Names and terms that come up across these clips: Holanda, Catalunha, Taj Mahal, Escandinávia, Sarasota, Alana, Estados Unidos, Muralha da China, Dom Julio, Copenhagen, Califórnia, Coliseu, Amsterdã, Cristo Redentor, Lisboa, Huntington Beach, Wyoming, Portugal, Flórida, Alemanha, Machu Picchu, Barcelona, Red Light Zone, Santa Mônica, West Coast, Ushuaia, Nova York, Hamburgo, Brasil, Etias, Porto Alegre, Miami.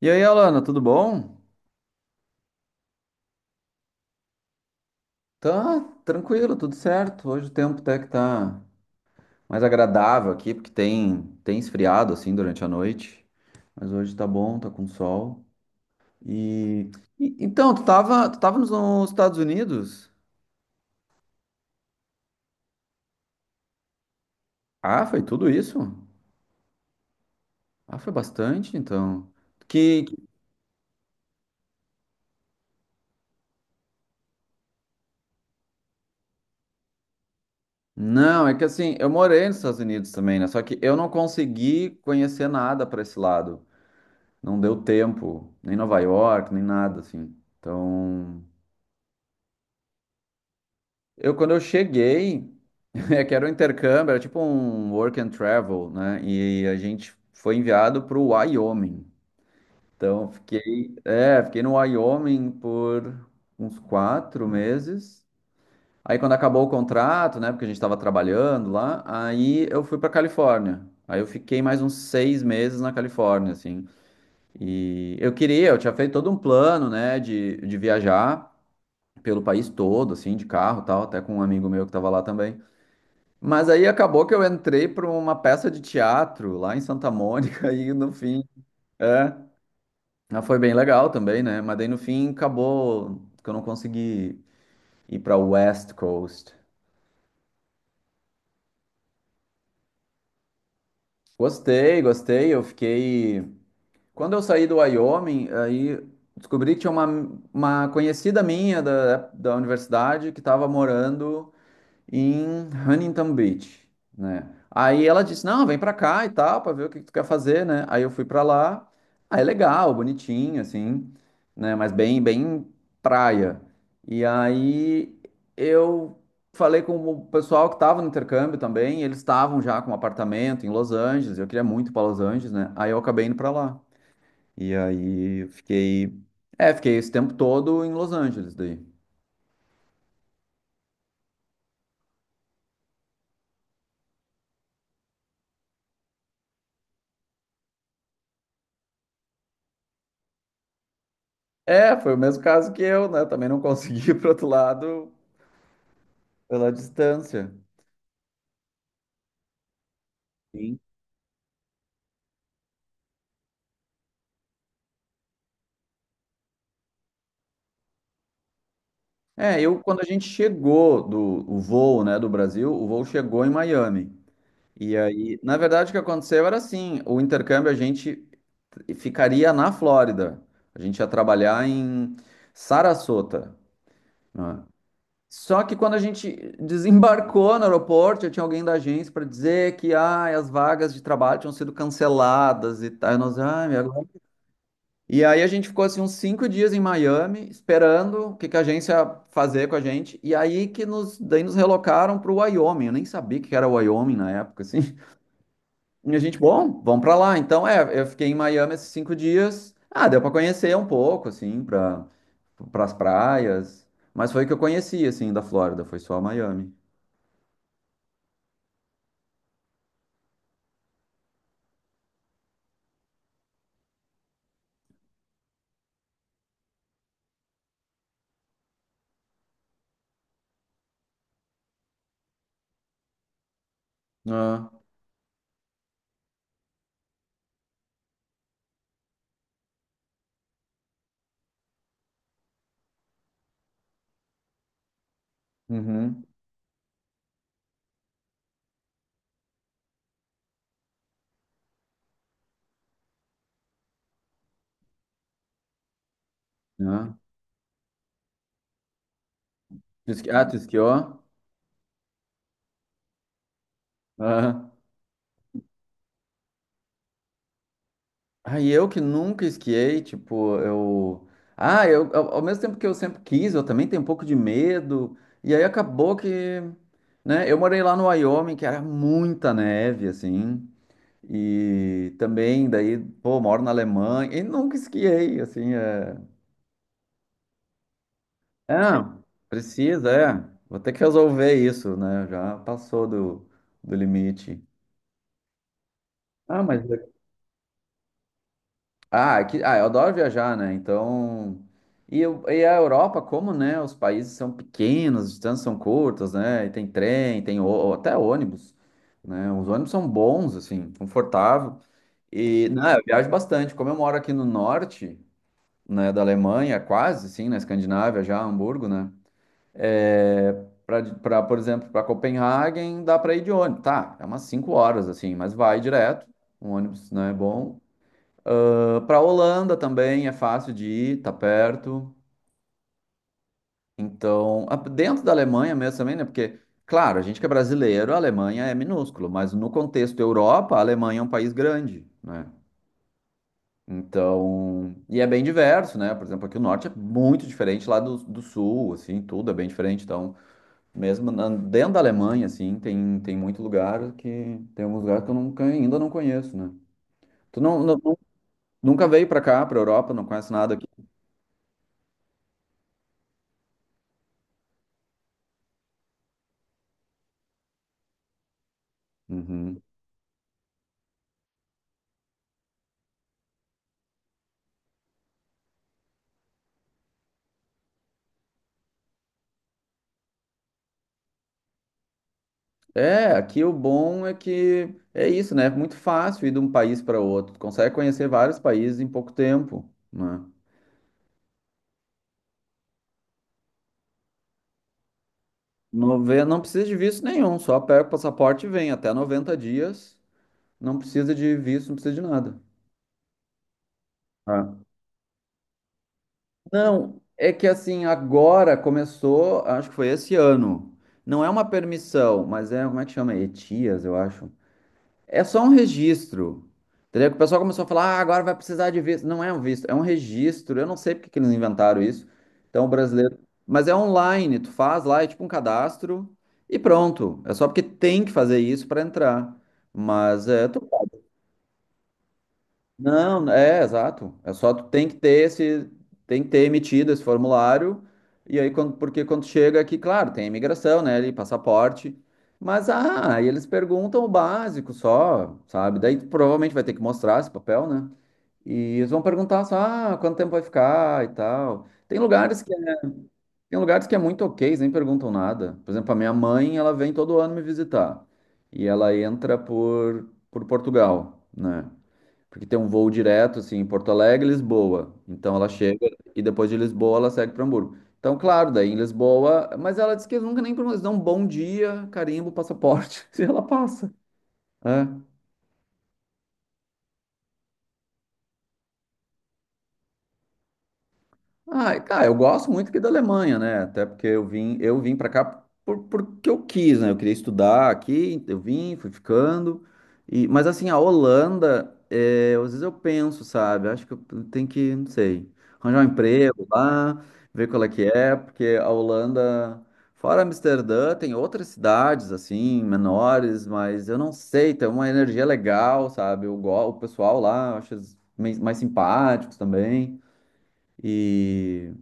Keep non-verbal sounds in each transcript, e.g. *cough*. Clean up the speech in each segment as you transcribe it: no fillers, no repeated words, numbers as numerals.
E aí, Alana, tudo bom? Tá tranquilo, tudo certo. Hoje o tempo até que tá mais agradável aqui, porque tem esfriado assim durante a noite. Mas hoje tá bom, tá com sol. E, então, tu tava nos Estados Unidos? Ah, foi tudo isso? Ah, foi bastante, então. Que que- não, é que assim, eu morei nos Estados Unidos também, né? Só que eu não consegui conhecer nada para esse lado. Não deu tempo, nem Nova York, nem nada assim. Então, eu, quando eu cheguei, *laughs* é que era um intercâmbio, era tipo um work and travel, né? E a gente foi enviado para o Wyoming. Então, fiquei no Wyoming por uns 4 meses. Aí, quando acabou o contrato, né? Porque a gente estava trabalhando lá, aí eu fui para Califórnia. Aí eu fiquei mais uns 6 meses na Califórnia, assim. E eu queria, eu tinha feito todo um plano, né? De viajar pelo país todo, assim, de carro e tal, até com um amigo meu que estava lá também. Mas aí acabou que eu entrei para uma peça de teatro lá em Santa Mônica *laughs* e no é, mas foi bem legal também, né? Mas daí no fim acabou que eu não consegui ir para West Coast. Gostei, gostei. Eu fiquei. Quando eu saí do Wyoming, aí descobri que tinha uma conhecida minha da universidade que estava morando em Huntington Beach, né? Aí ela disse: "Não, vem pra cá e tal, pra ver o que que tu quer fazer, né?" Aí eu fui pra lá. Aí é legal, bonitinho assim, né, mas bem praia. E aí eu falei com o pessoal que tava no intercâmbio também, e eles estavam já com um apartamento em Los Angeles, eu queria muito ir para Los Angeles, né? Aí eu acabei indo pra lá. E aí fiquei esse tempo todo em Los Angeles daí. É, foi o mesmo caso que eu, né? Também não consegui *laughs* ir pro outro lado pela distância. Sim. É, eu quando a gente chegou do o voo, né, do Brasil, o voo chegou em Miami. E aí, na verdade, o que aconteceu era assim, o intercâmbio a gente ficaria na Flórida. A gente ia trabalhar em Sarasota, né? Só que quando a gente desembarcou no aeroporto, já tinha alguém da agência para dizer que ah, as vagas de trabalho tinham sido canceladas e tal. E nós, ah, e aí a gente ficou assim uns 5 dias em Miami, esperando o que que a agência ia fazer com a gente. E aí daí nos relocaram para o Wyoming. Eu nem sabia que era Wyoming na época, assim. *laughs* E a gente, bom, vamos para lá. Então, é, eu fiquei em Miami esses 5 dias. Ah, deu para conhecer um pouco, assim, para as praias. Mas foi o que eu conheci, assim, da Flórida. Foi só Miami. Ah, uhum. Ah, ah, tu esquiou? Ah. Aí eu que nunca esquiei, tipo, eu. Ah, eu, ao mesmo tempo que eu sempre quis, eu também tenho um pouco de medo. E aí acabou que, né? Eu morei lá no Wyoming, que era muita neve, assim. E também, daí, pô, moro na Alemanha e nunca esquiei, assim. É, é precisa, é. Vou ter que resolver isso, né? Já passou do limite. Ah, mas ah, aqui, ah, eu adoro viajar, né? Então. E a Europa, como, né? Os países são pequenos, as distâncias são curtas, né? E tem trem, até ônibus, né? Os ônibus são bons, assim, confortável. E, não, eu viajo bastante. Como eu moro aqui no norte, né, da Alemanha, quase, sim, na Escandinávia, já, Hamburgo, né? É, para pra, por exemplo, para Copenhagen, dá para ir de ônibus. Tá, é umas 5 horas, assim, mas vai direto. Um ônibus, né, bom para a Holanda também é fácil de ir, tá perto. Dentro da Alemanha mesmo também, né? Porque, claro, a gente que é brasileiro, a Alemanha é minúsculo, mas no contexto Europa, a Alemanha é um país grande, né? Então, e é bem diverso, né? Por exemplo, aqui o norte é muito diferente lá do sul, assim, tudo é bem diferente. Dentro da Alemanha, assim, tem muito lugar que tem alguns lugares que eu nunca, ainda não conheço, né? Tu não, não- Nunca veio para cá, para Europa, não conhece nada aqui? Uhum. É, aqui o bom é que é isso, né? É muito fácil ir de um país para outro. Tu consegue conhecer vários países em pouco tempo, né? Não precisa de visto nenhum, só pega o passaporte e vem. Até 90 dias, não precisa de visto, não precisa de nada. Ah. Não, é que assim, agora começou, acho que foi esse ano. Não é uma permissão, mas é, como é que chama? Etias, eu acho. É só um registro. Entendeu? Que o pessoal começou a falar, ah, agora vai precisar de visto. Não é um visto, é um registro. Eu não sei porque que eles inventaram isso. Então, o brasileiro. Mas é online, tu faz lá, é tipo um cadastro e pronto. É só porque tem que fazer isso para entrar. Mas é, tu não, é, exato. É só tu tem que ter esse, tem que ter emitido esse formulário, e aí quando, porque quando chega aqui, claro, tem imigração, né, ali, passaporte, mas ah, aí eles perguntam o básico só, sabe? Daí tu provavelmente vai ter que mostrar esse papel, né? E eles vão perguntar só, ah, quanto tempo vai ficar e tal. Tem lugares que é, tem lugares que é muito ok, eles nem perguntam nada. Por exemplo, a minha mãe, ela vem todo ano me visitar, e ela entra por Portugal, né? Porque tem um voo direto, assim, em Porto Alegre, Lisboa. Então ela chega e depois de Lisboa ela segue para Hamburgo. Então, claro, daí em Lisboa, mas ela disse que nunca nem perguntou, eles dão um bom dia, carimbo, passaporte, *laughs* e ela passa. É. Ah, cara, eu gosto muito aqui da Alemanha, né? Até porque eu vim para cá por, porque eu quis, né? Eu queria estudar aqui, eu vim, fui ficando. E, mas assim, a Holanda, é, às vezes eu penso, sabe? Acho que eu tenho que, não sei, arranjar um emprego lá, ver qual é que é, porque a Holanda, fora Amsterdã, tem outras cidades assim, menores, mas eu não sei, tem uma energia legal, sabe? O pessoal lá, eu acho eles mais simpáticos também. E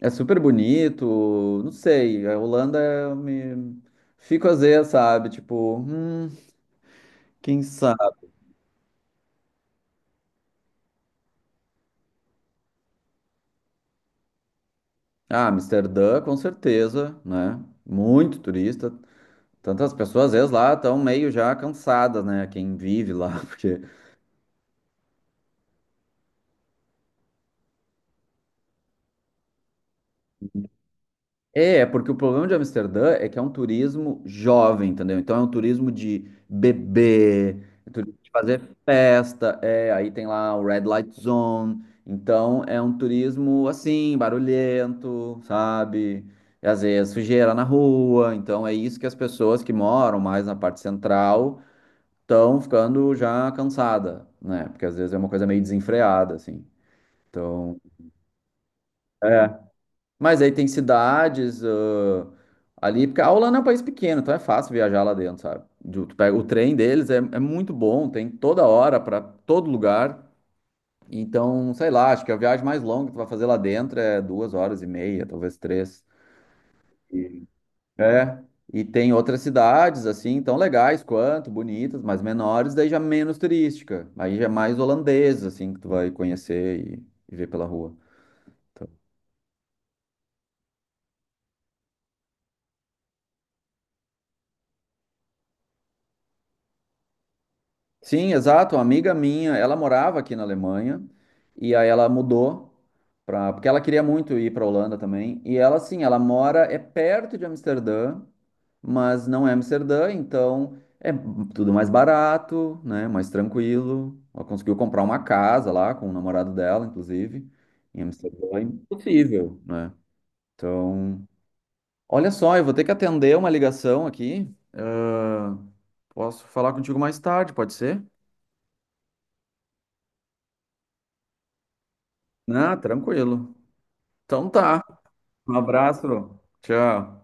é super bonito, não sei, a Holanda eu me fico às vezes, sabe? Tipo, quem sabe? Ah, Amsterdã, com certeza, né? Muito turista. Tantas pessoas, às vezes, lá estão meio já cansadas, né? Quem vive lá, *laughs* porque. É, é porque o problema de Amsterdã é que é um turismo jovem, entendeu? Então é um turismo de bebê, fazer festa, é, aí tem lá o Red Light Zone. Então é um turismo assim, barulhento, sabe? E às vezes sujeira na rua. Então é isso que as pessoas que moram mais na parte central estão ficando já cansada, né? Porque às vezes é uma coisa meio desenfreada, assim. Então, é. Mas aí tem cidades, ali, porque a Holanda é um país pequeno, então é fácil viajar lá dentro, sabe? Tu pega o trem deles, é, é muito bom, tem toda hora para todo lugar. Então, sei lá, acho que a viagem mais longa que tu vai fazer lá dentro é 2 horas e meia, talvez três. E- É. E tem outras cidades, assim, tão legais quanto, bonitas, mas menores, daí já menos turística. Aí já é mais holandês, assim, que tu vai conhecer e ver pela rua. Sim, exato. Uma amiga minha, ela morava aqui na Alemanha e aí ela mudou para, porque ela queria muito ir para Holanda também. E ela, sim, ela mora é perto de Amsterdã, mas não é Amsterdã, então é tudo mais barato, né? Mais tranquilo. Ela conseguiu comprar uma casa lá com o namorado dela, inclusive, em Amsterdã, é impossível, né? Então, olha só, eu vou ter que atender uma ligação aqui. Ah, posso falar contigo mais tarde, pode ser? Ah, tranquilo. Então tá. Um abraço. Tchau.